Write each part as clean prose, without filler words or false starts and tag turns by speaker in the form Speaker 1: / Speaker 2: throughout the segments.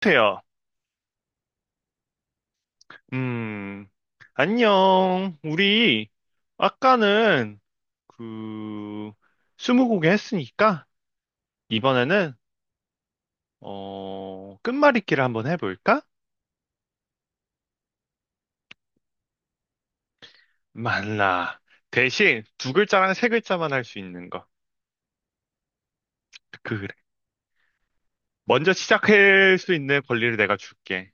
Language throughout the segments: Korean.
Speaker 1: 태야, 음, 안녕. 우리 아까는 그 스무고개 했으니까 이번에는 끝말잇기를 한번 해볼까? 말라. 대신 2글자랑 3글자만 할 수 있는 거. 그래. 먼저 시작할 수 있는 권리를 내가 줄게.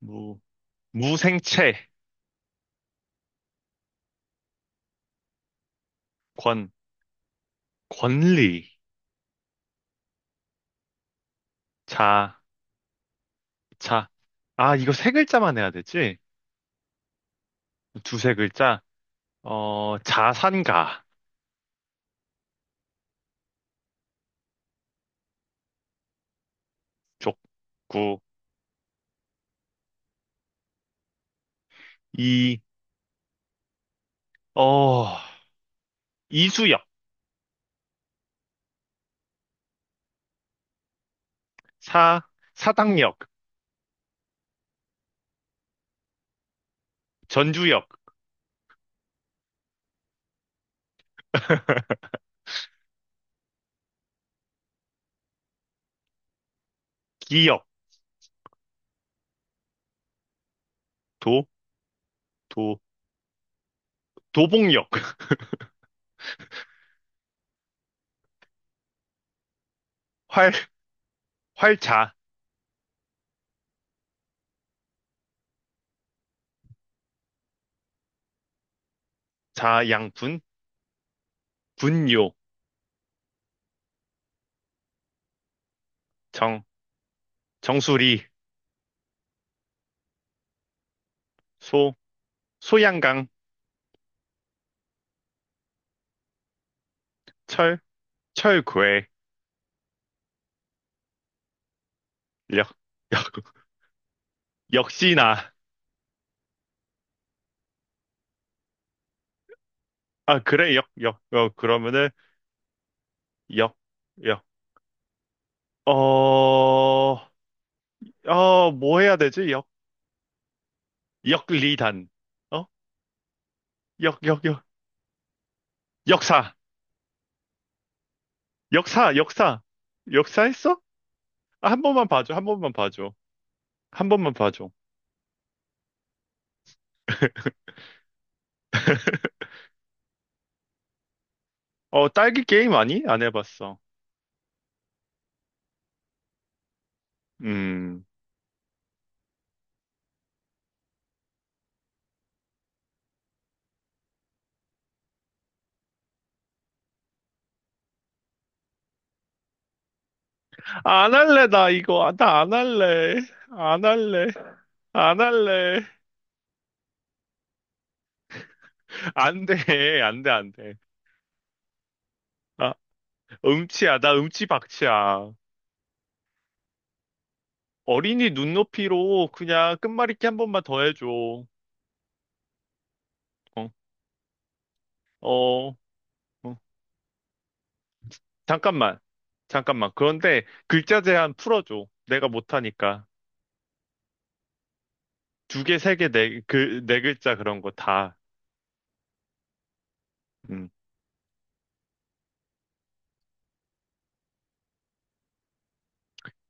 Speaker 1: 무. 무생채. 권. 권리. 자. 자. 아, 이거 3글자만 해야 되지? 두세 글자. 자산가. 족구. 이. 어, 이수역. 사. 사당역. 전주역. 기역. 도. 도. 도봉역. 활. 활자. 자, 양분. 분요. 정. 정수리. 소. 소양강. 철. 철괴. 역. 역. 역시나. 아, 그래, 역, 역, 역, 그러면은, 역, 역, 어, 어, 뭐 해야 되지? 역. 역리단. 어? 역, 역, 역. 역사. 역사, 역사. 역사 했어? 아, 한 번만 봐줘, 한 번만 봐줘. 한 번만 봐줘. 어, 딸기 게임 아니? 안 해봤어. 음. 아, 안 할래, 나 이거. 아, 나안 할래. 안 할래. 안 할래. 안 돼, 안 돼, 안 돼. 아, 음치야. 나 음치 박치야. 어린이 눈높이로 그냥 끝말잇기 한 번만 더 해줘. 어, 어, 어. 잠깐만. 잠깐만, 그런데 글자 제한 풀어줘. 내가 못하니까. 2개, 3개, 네, 그, 4글자 그런 거 다. 음.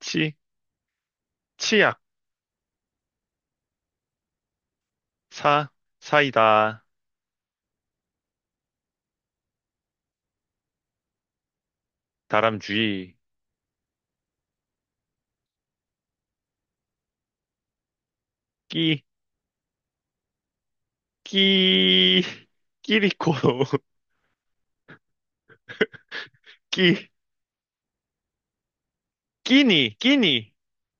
Speaker 1: 치. 치약. 사. 사이다. 다람쥐. 끼. 끼. 끼리코. 끼. 끼니. 끼니.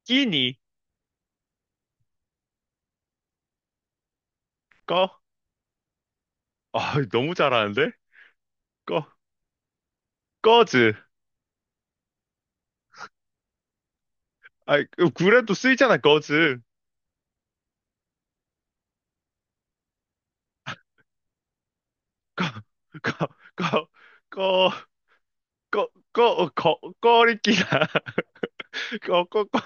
Speaker 1: 끼니. 꺼. 아, 너무 잘하는데? 꺼. 꺼즈. 아, 그래도 쓰이잖아, 꺼즈. 꺼, 꺼, 꺼, 꺼, 꺼, 꺼, 어, 꺼, 꺼리끼나. 꺼, 꺼, 꺼,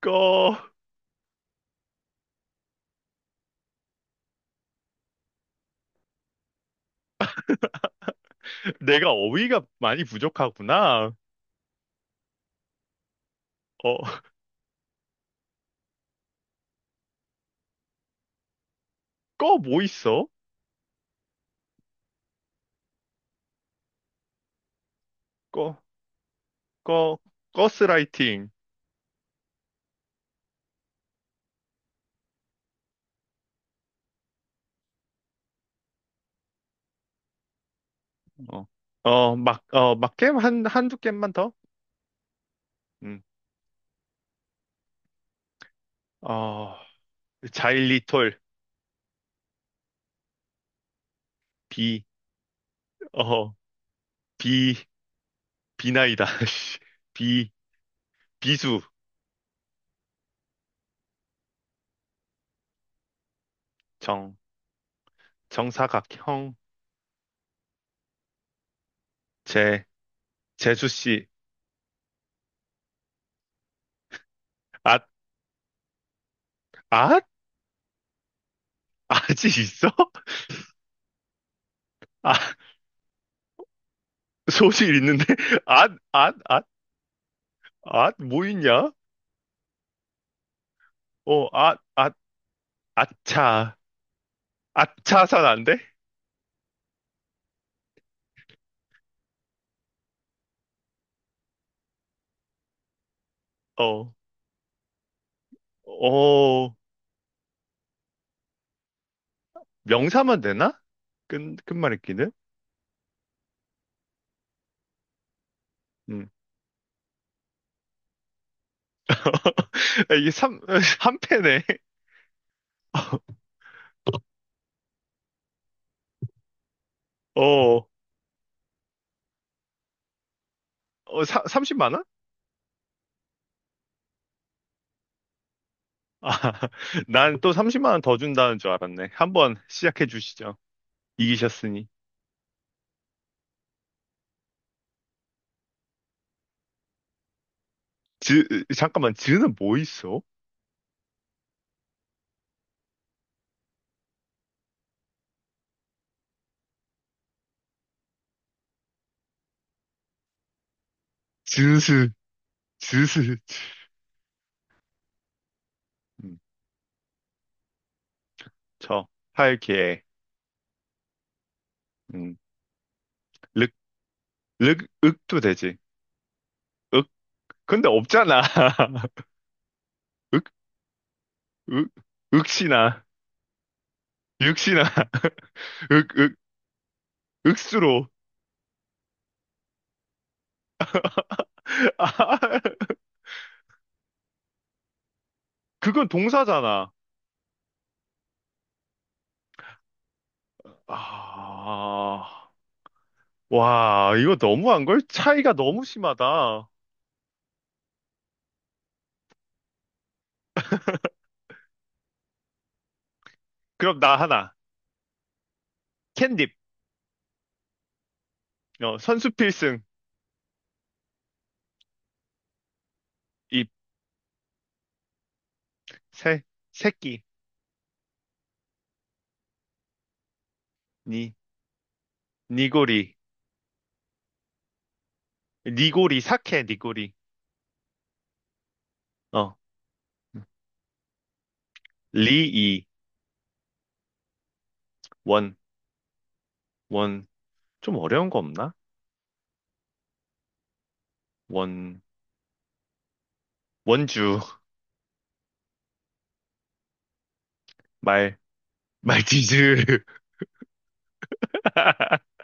Speaker 1: 꺼. 내가 어휘가 많이 부족하구나. 어. 꺼 뭐 있어? 꺼, 꺼, 가스라이팅. 어, 어, 막, 어, 막 게임 한, 한두 게임만 더? 음. 어, 자일리톨. 비. 어, 비, 비나이다. 씨. 비. 비수. 정. 정사각형. 재. 재수씨. 아. 아? 아직 있어? 아. 소질 있는데? 아. 아, 아, 아, 뭐 있냐? 어, 아, 아, 아차. 아차산 안 돼? 어. 어. 명사만 되나? 끝, 끝말잇기는? 음. 이게 삼, 한 패네. 어, 어, 사, 10,000원? 아, 난 또 300,000원 더 준다는 줄 알았네. 한번 시작해 주시죠. 이기셨으니. 즈. 잠깐만, 즈는 뭐 있어? 즈스. 즈스. 즈. 음. 저. 할게.. 음. 륵. 륵. 윽도 되지. 윽? 근데 없잖아. 윽. 윽. 윽시나. 윽시나. 윽, 윽, 윽수로. 아. 그건 동사잖아. 아. 와, 이거 너무한 걸? 차이가 너무 심하다. 그럼 나 하나. 캔딥. 어, 선수 필승. 입. 새. 새끼. 니. 니고리. 니고리. 사케. 니고리. 어. 리이. 원. 원. 좀 어려운 거 없나? 원. 원주. 말. 말티즈.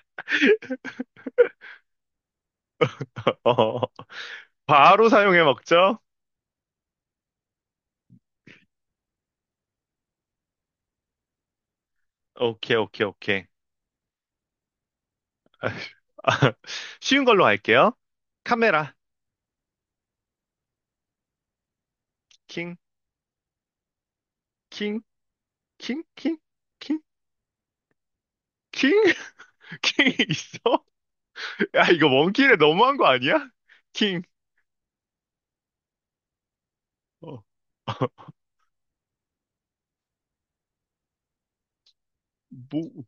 Speaker 1: 어, 바로 사용해 먹죠? 오케이, 오케이, 오케이. 쉬운 걸로 할게요. 카메라. 킹, 킹, 킹, 킹, 킹, 킹. 킹 있어? 야, 이거 원킬에 너무한 거 아니야? 킹. 어. 뭐,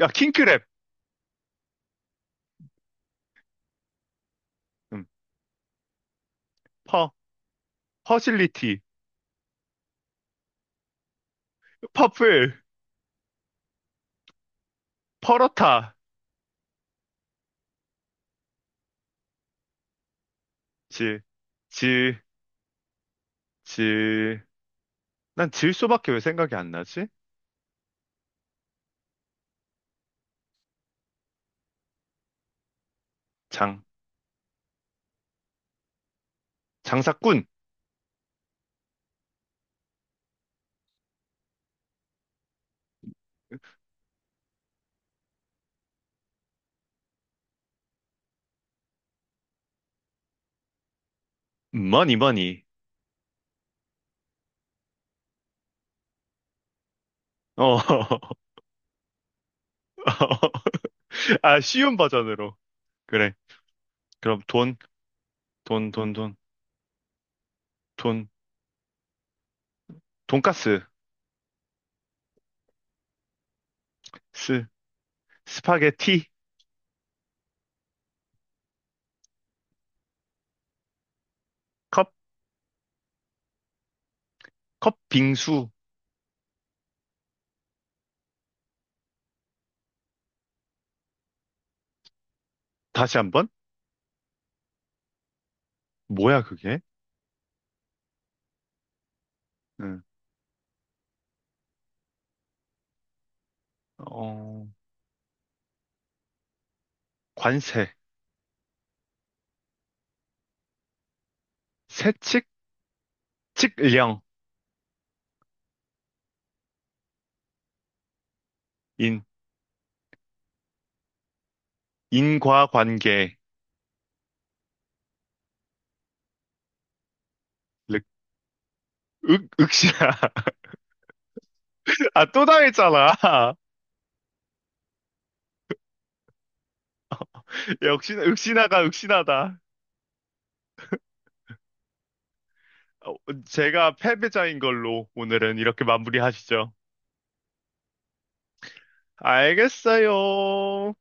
Speaker 1: 야, 킹크랩. 음. 퍼. 퍼실리티. 퍼플. 퍼러타. 질. 질. 질. 난 질소밖에 왜 생각이 안 나지? 장. 장사꾼. 머니, 머니. 어. 아, 쉬운 버전으로. 그래. 그럼 돈. 돈, 돈, 돈, 돈, 돈가스. 스. 스파게티. 컵. 컵, 빙수. 다시 한번? 뭐야, 그게? 응. 어, 관세. 세칙. 칙령. 인. 인과관계. 륵. 윽. 윽신아. 아, 또 당했잖아. 역시나, 윽신아가 윽신하다. 어, 제가 패배자인 걸로 오늘은 이렇게 마무리하시죠. 알겠어요.